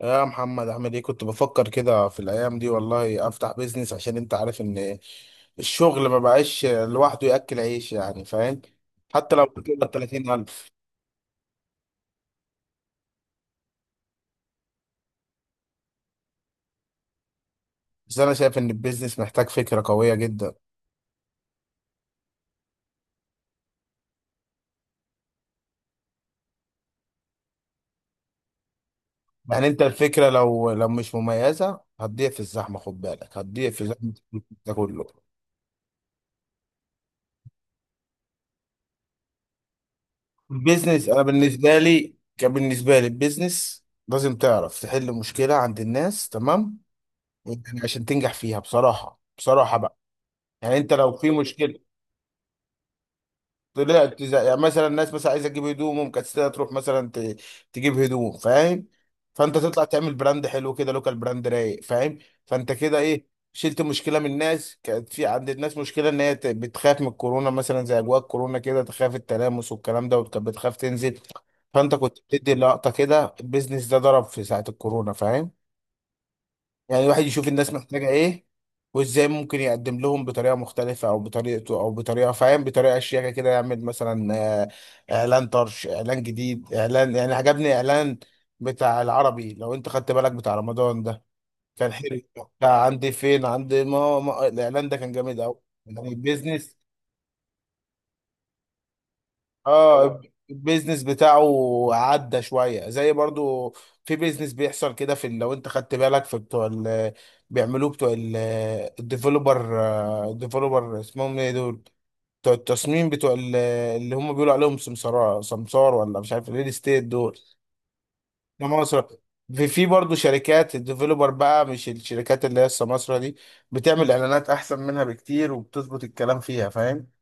يا محمد عامل ايه؟ كنت بفكر كده في الايام دي والله افتح بيزنس، عشان انت عارف ان الشغل ما بقاش لوحده ياكل عيش، يعني فاهم؟ حتى لو بتقبض 30,000. بس انا شايف ان البيزنس محتاج فكره قويه جدا. يعني انت الفكره لو مش مميزه هتضيع في الزحمه، خد بالك هتضيع في زحمه ده كله. البيزنس انا، بالنسبه لي كان، بالنسبه لي البيزنس لازم تعرف تحل مشكله عند الناس، تمام؟ يعني عشان تنجح فيها بصراحه، بصراحه بقى. يعني انت لو في مشكله طلعت، زي يعني مثلا الناس مثلا عايزه تجيب هدوم ومكسله تروح مثلا تجيب هدوم، فاهم؟ فانت تطلع تعمل براند حلو كده، لوكال براند رايق، فاهم؟ فانت كده ايه، شلت مشكله من الناس. كانت في عند الناس مشكله ان هي بتخاف من الكورونا مثلا، زي اجواء الكورونا كده، تخاف التلامس والكلام ده، وكانت بتخاف تنزل. فانت كنت بتدي لقطه كده، البيزنس ده ضرب في ساعه الكورونا، فاهم؟ يعني الواحد يشوف الناس محتاجة ايه، وازاي ممكن يقدم لهم بطريقة مختلفة، او بطريقته، او بطريقة، فاهم، بطريقة شياكة كده. يعمل مثلا آه، اعلان طرش، اعلان جديد، اعلان، يعني عجبني اعلان بتاع العربي، لو انت خدت بالك، بتاع رمضان ده، كان حلو. بتاع عندي فين عندي ماما، الاعلان ده كان جامد قوي. يعني بيزنس. اه، البيزنس بتاعه عدى شويه. زي برضو في بيزنس بيحصل كده في لو انت خدت بالك في بتوع ال بيعملوه بتوع ال- الديفلوبر الديفلوبر اسمهم ايه دول؟ بتوع التصميم، اللي هم بيقولوا عليهم سمسار، سمسار، ولا مش عارف، الريل استيت دول، سمسرة. في برضه شركات الديفلوبر بقى، مش الشركات اللي هي السمسرة دي، بتعمل اعلانات احسن منها بكتير، وبتظبط الكلام فيها، فاهم؟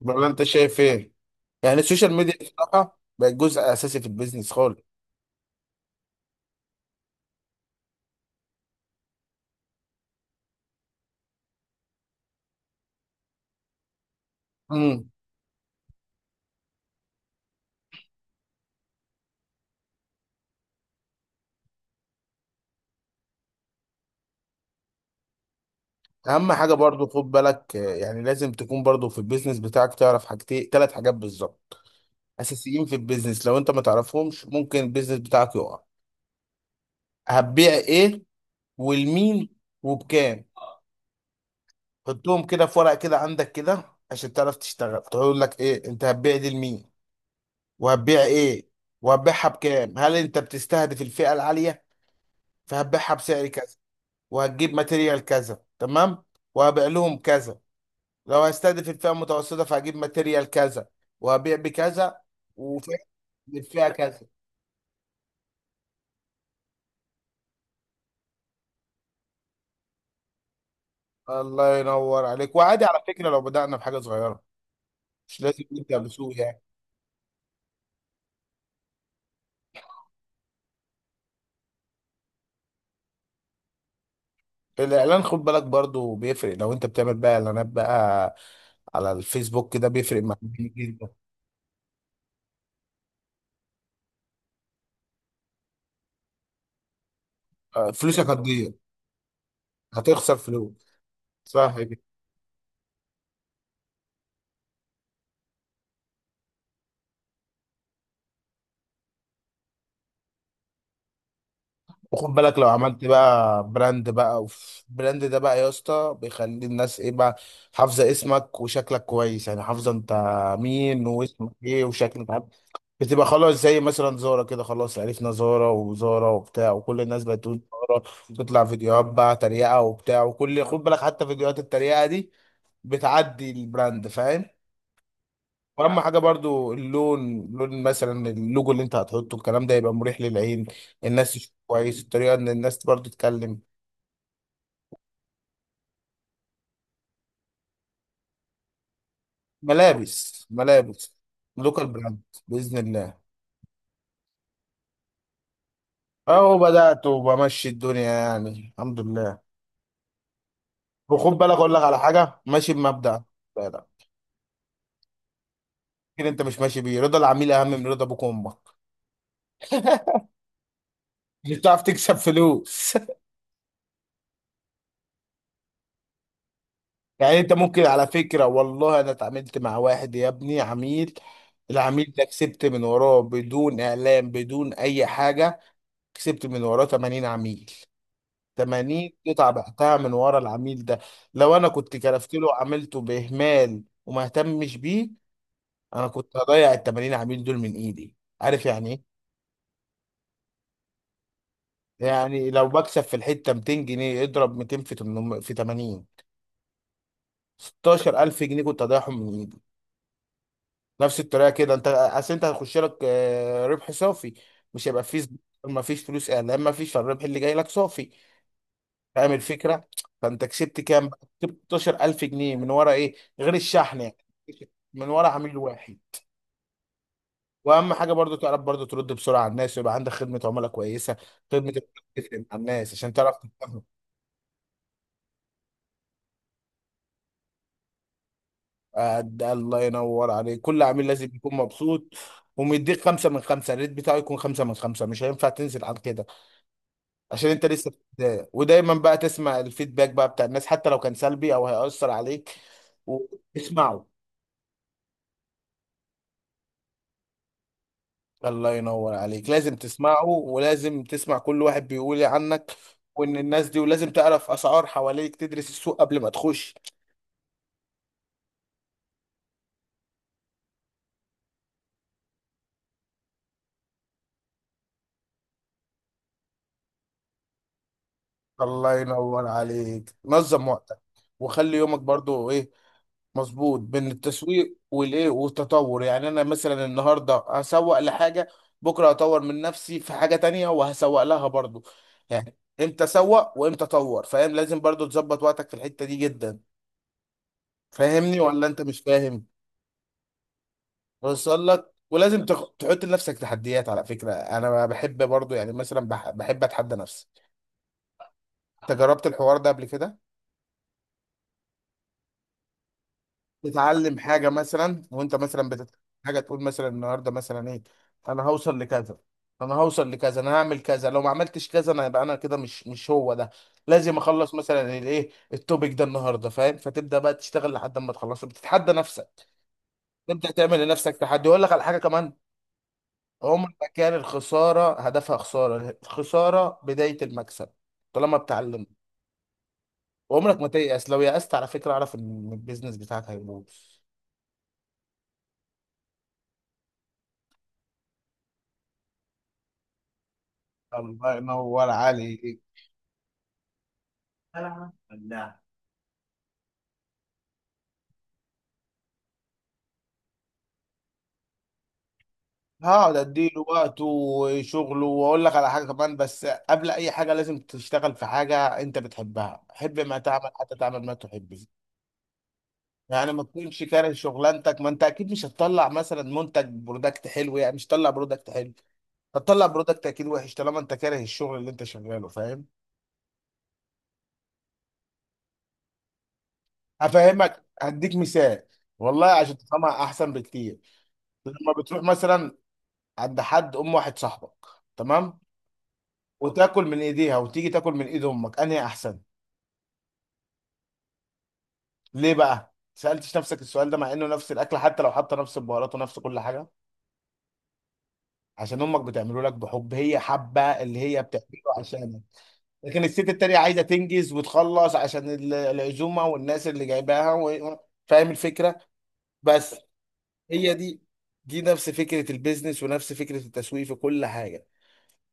ولا انت شايف ايه؟ يعني السوشيال ميديا بصراحه بقت جزء اساسي في البيزنس خالص. امم، اهم حاجه برضو خد بالك، يعني لازم تكون برضو في البيزنس بتاعك تعرف حاجتين، ثلاث حاجات بالظبط اساسيين في البيزنس، لو انت ما تعرفهمش ممكن البيزنس بتاعك يقع. هتبيع ايه؟ والمين؟ وبكام؟ حطهم كده في ورقه كده عندك، كده عشان تعرف تشتغل. تقول لك ايه، انت هتبيع دي لمين؟ وهتبيع ايه؟ وهتبيعها بكام؟ هل انت بتستهدف الفئه العاليه، فهتبيعها بسعر كذا، وهتجيب ماتيريال كذا، تمام، وهبيع لهم كذا. لو هستهدف الفئة المتوسطة، فهجيب ماتيريال كذا، وهبيع بكذا، وفئة، الفئة كذا. الله ينور عليك. وعادي على فكرة لو بدأنا بحاجة صغيرة، مش لازم نبدأ بسوق، يعني. الإعلان خد بالك برضو بيفرق، لو أنت بتعمل بقى إعلانات بقى على الفيسبوك كده بيفرق معاك جدا. فلوسك هتضيع، هتخسر فلوس، صح كده. وخد بالك لو عملت بقى براند بقى، اوف، براند ده بقى يا اسطى بيخلي الناس ايه بقى، حافظه اسمك وشكلك كويس. يعني حافظه انت مين، واسمك ايه، وشكلك عامل إيه. بتبقى خلاص زي مثلا زارة كده، خلاص عرفنا زارة وزارة وبتاع، وكل الناس بقت تقول زارة، وتطلع فيديوهات بقى تريقة وبتاع، وكل، خد بالك حتى فيديوهات التريقة دي بتعدي البراند، فاهم؟ واهم حاجه برضو اللون، لون مثلا اللوجو اللي انت هتحطه، الكلام ده يبقى مريح للعين، الناس تشوف كويس. الطريقه ان الناس برضو تتكلم. ملابس، ملابس لوكال براند، باذن الله. اهو بدات وبمشي الدنيا، يعني الحمد لله. وخد بالك اقول لك على حاجه، ماشي بمبدأ، لا لا، كده انت مش ماشي بيه. رضا العميل اهم من رضا ابوك وامك، مش بتعرف تكسب فلوس. يعني انت ممكن، على فكرة والله انا اتعاملت مع واحد يا ابني عميل، العميل ده كسبت من وراه بدون اعلان، بدون اي حاجة، كسبت من وراه 80 عميل. 80 قطعة بعتها من ورا العميل ده. لو انا كنت كرفت له وعملته باهمال وما اهتمش بيه، انا كنت هضيع ال 80 عميل دول من ايدي. عارف يعني ايه؟ يعني لو بكسب في الحتة 200 جنيه، اضرب 200 في 800 في 80، 16,000 جنيه كنت هضيعهم من ايدي. نفس الطريقه كده انت، اصل انت هيخش لك ربح صافي، مش هيبقى فيه، ما فيش فلوس اعلان، ما فيش، فالربح اللي جاي لك صافي، فاهم الفكره؟ فانت كسبت كام بقى؟ كسبت 16,000 جنيه من ورا ايه، غير الشحن يعني، من ورا عميل واحد. واهم حاجه برضو تعرف برضو ترد بسرعه على الناس، ويبقى عندك خدمه عملاء كويسه، خدمه عملاء تفرق مع الناس، عشان تعرف تتفاهم. ده الله ينور عليك، كل عميل لازم يكون مبسوط، ومديك خمسة من خمسة، الريت بتاعه يكون خمسة من خمسة، مش هينفع تنزل عن كده، عشان انت لسه في البدايه. ودايما بقى تسمع الفيدباك بقى بتاع الناس، حتى لو كان سلبي او هيأثر عليك، وتسمعه. الله ينور عليك، لازم تسمعه، ولازم تسمع كل واحد بيقول إيه عنك، وان الناس دي، ولازم تعرف اسعار حواليك، تدرس السوق قبل ما تخش. الله ينور عليك، نظم وقتك، وخلي يومك برضو ايه، مظبوط بين التسويق والايه والتطور. يعني انا مثلا النهارده هسوق لحاجه، بكره هطور من نفسي في حاجه تانية، وهسوق لها برضو. يعني امتى سوق، وامتى طور، فاهم؟ لازم برضو تظبط وقتك في الحته دي جدا. فاهمني ولا انت مش فاهم؟ وصل لك، ولازم تحط لنفسك تحديات. على فكره انا بحب برضو، يعني مثلا بحب اتحدى نفسي. انت جربت الحوار ده قبل كده؟ تتعلم حاجه مثلا، وانت مثلا بتتعلم حاجه تقول مثلا النهارده مثلا ايه، انا هوصل لكذا، انا هوصل لكذا، انا هعمل كذا، لو ما عملتش كذا انا، يبقى انا كده مش هو ده. لازم اخلص مثلا الايه، التوبيك ده النهارده، فاهم؟ فتبدا بقى تشتغل لحد ما تخلصه، بتتحدى نفسك، تبدا تعمل لنفسك تحدي. اقول لك على حاجه كمان، عمر ما كان الخساره هدفها خساره، الخساره بدايه المكسب، طالما بتعلم. وعمرك ما تيأس. لو يأست على فكره اعرف ان البيزنس بتاعك هيبوظ. الله ينور عليك. ألعب لا، هقعد اديله وقته وشغله. واقول لك على حاجه كمان، بس قبل اي حاجه لازم تشتغل في حاجه انت بتحبها. حب ما تعمل، حتى تعمل ما تحب. يعني ما تكونش كاره شغلانتك، ما انت اكيد مش هتطلع مثلا منتج، برودكت حلو، يعني مش هتطلع برودكت حلو، هتطلع برودكت اكيد وحش طالما انت كاره الشغل اللي انت شغاله، فاهم؟ هفهمك، هديك مثال والله عشان تفهمها احسن بكتير. لما بتروح مثلا عند حد، ام واحد صاحبك، تمام، وتاكل من ايديها، وتيجي تاكل من ايد امك، انهي احسن؟ ليه بقى سالتش نفسك السؤال ده، مع انه نفس الاكل، حتى لو حاطه نفس البهارات ونفس كل حاجه؟ عشان امك بتعمله لك بحب، هي حابه اللي هي بتعمله عشانك. لكن الست التانية عايزه تنجز وتخلص عشان العزومه والناس اللي جايباها و، فاهم الفكره؟ بس، هي دي، دي نفس فكره البيزنس، ونفس فكره التسويق في كل حاجه.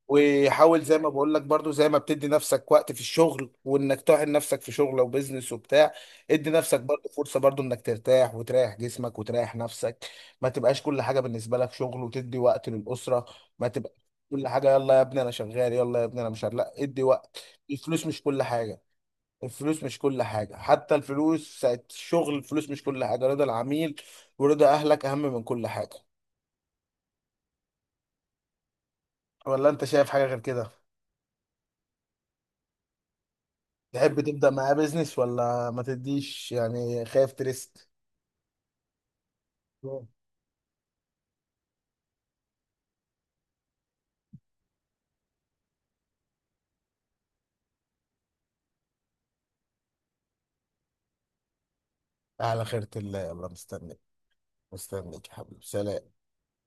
وحاول، زي ما بقول لك برضو، زي ما بتدي نفسك وقت في الشغل، وانك طاحن نفسك في شغل او بيزنس وبتاع، ادي نفسك برضو فرصة برضو انك ترتاح، وتريح جسمك، وتريح نفسك. ما تبقاش كل حاجة بالنسبة لك شغل، وتدي وقت للأسرة، ما تبقى كل حاجة يلا يا ابني انا شغال، يلا يا ابني انا مش شغال. لا، ادي وقت. الفلوس مش كل حاجة، الفلوس مش كل حاجة، حتى الفلوس ساعة الشغل، الفلوس مش كل حاجة، رضا العميل، ورضا أهلك، أهم من كل حاجة. ولا أنت شايف حاجة غير كده؟ تحب تبدأ معاه بيزنس، ولا ما تديش، يعني خايف تريسك؟ مم. على خيرة الله، يلا مستنيك. مستنيك يا حبيبي، سلام.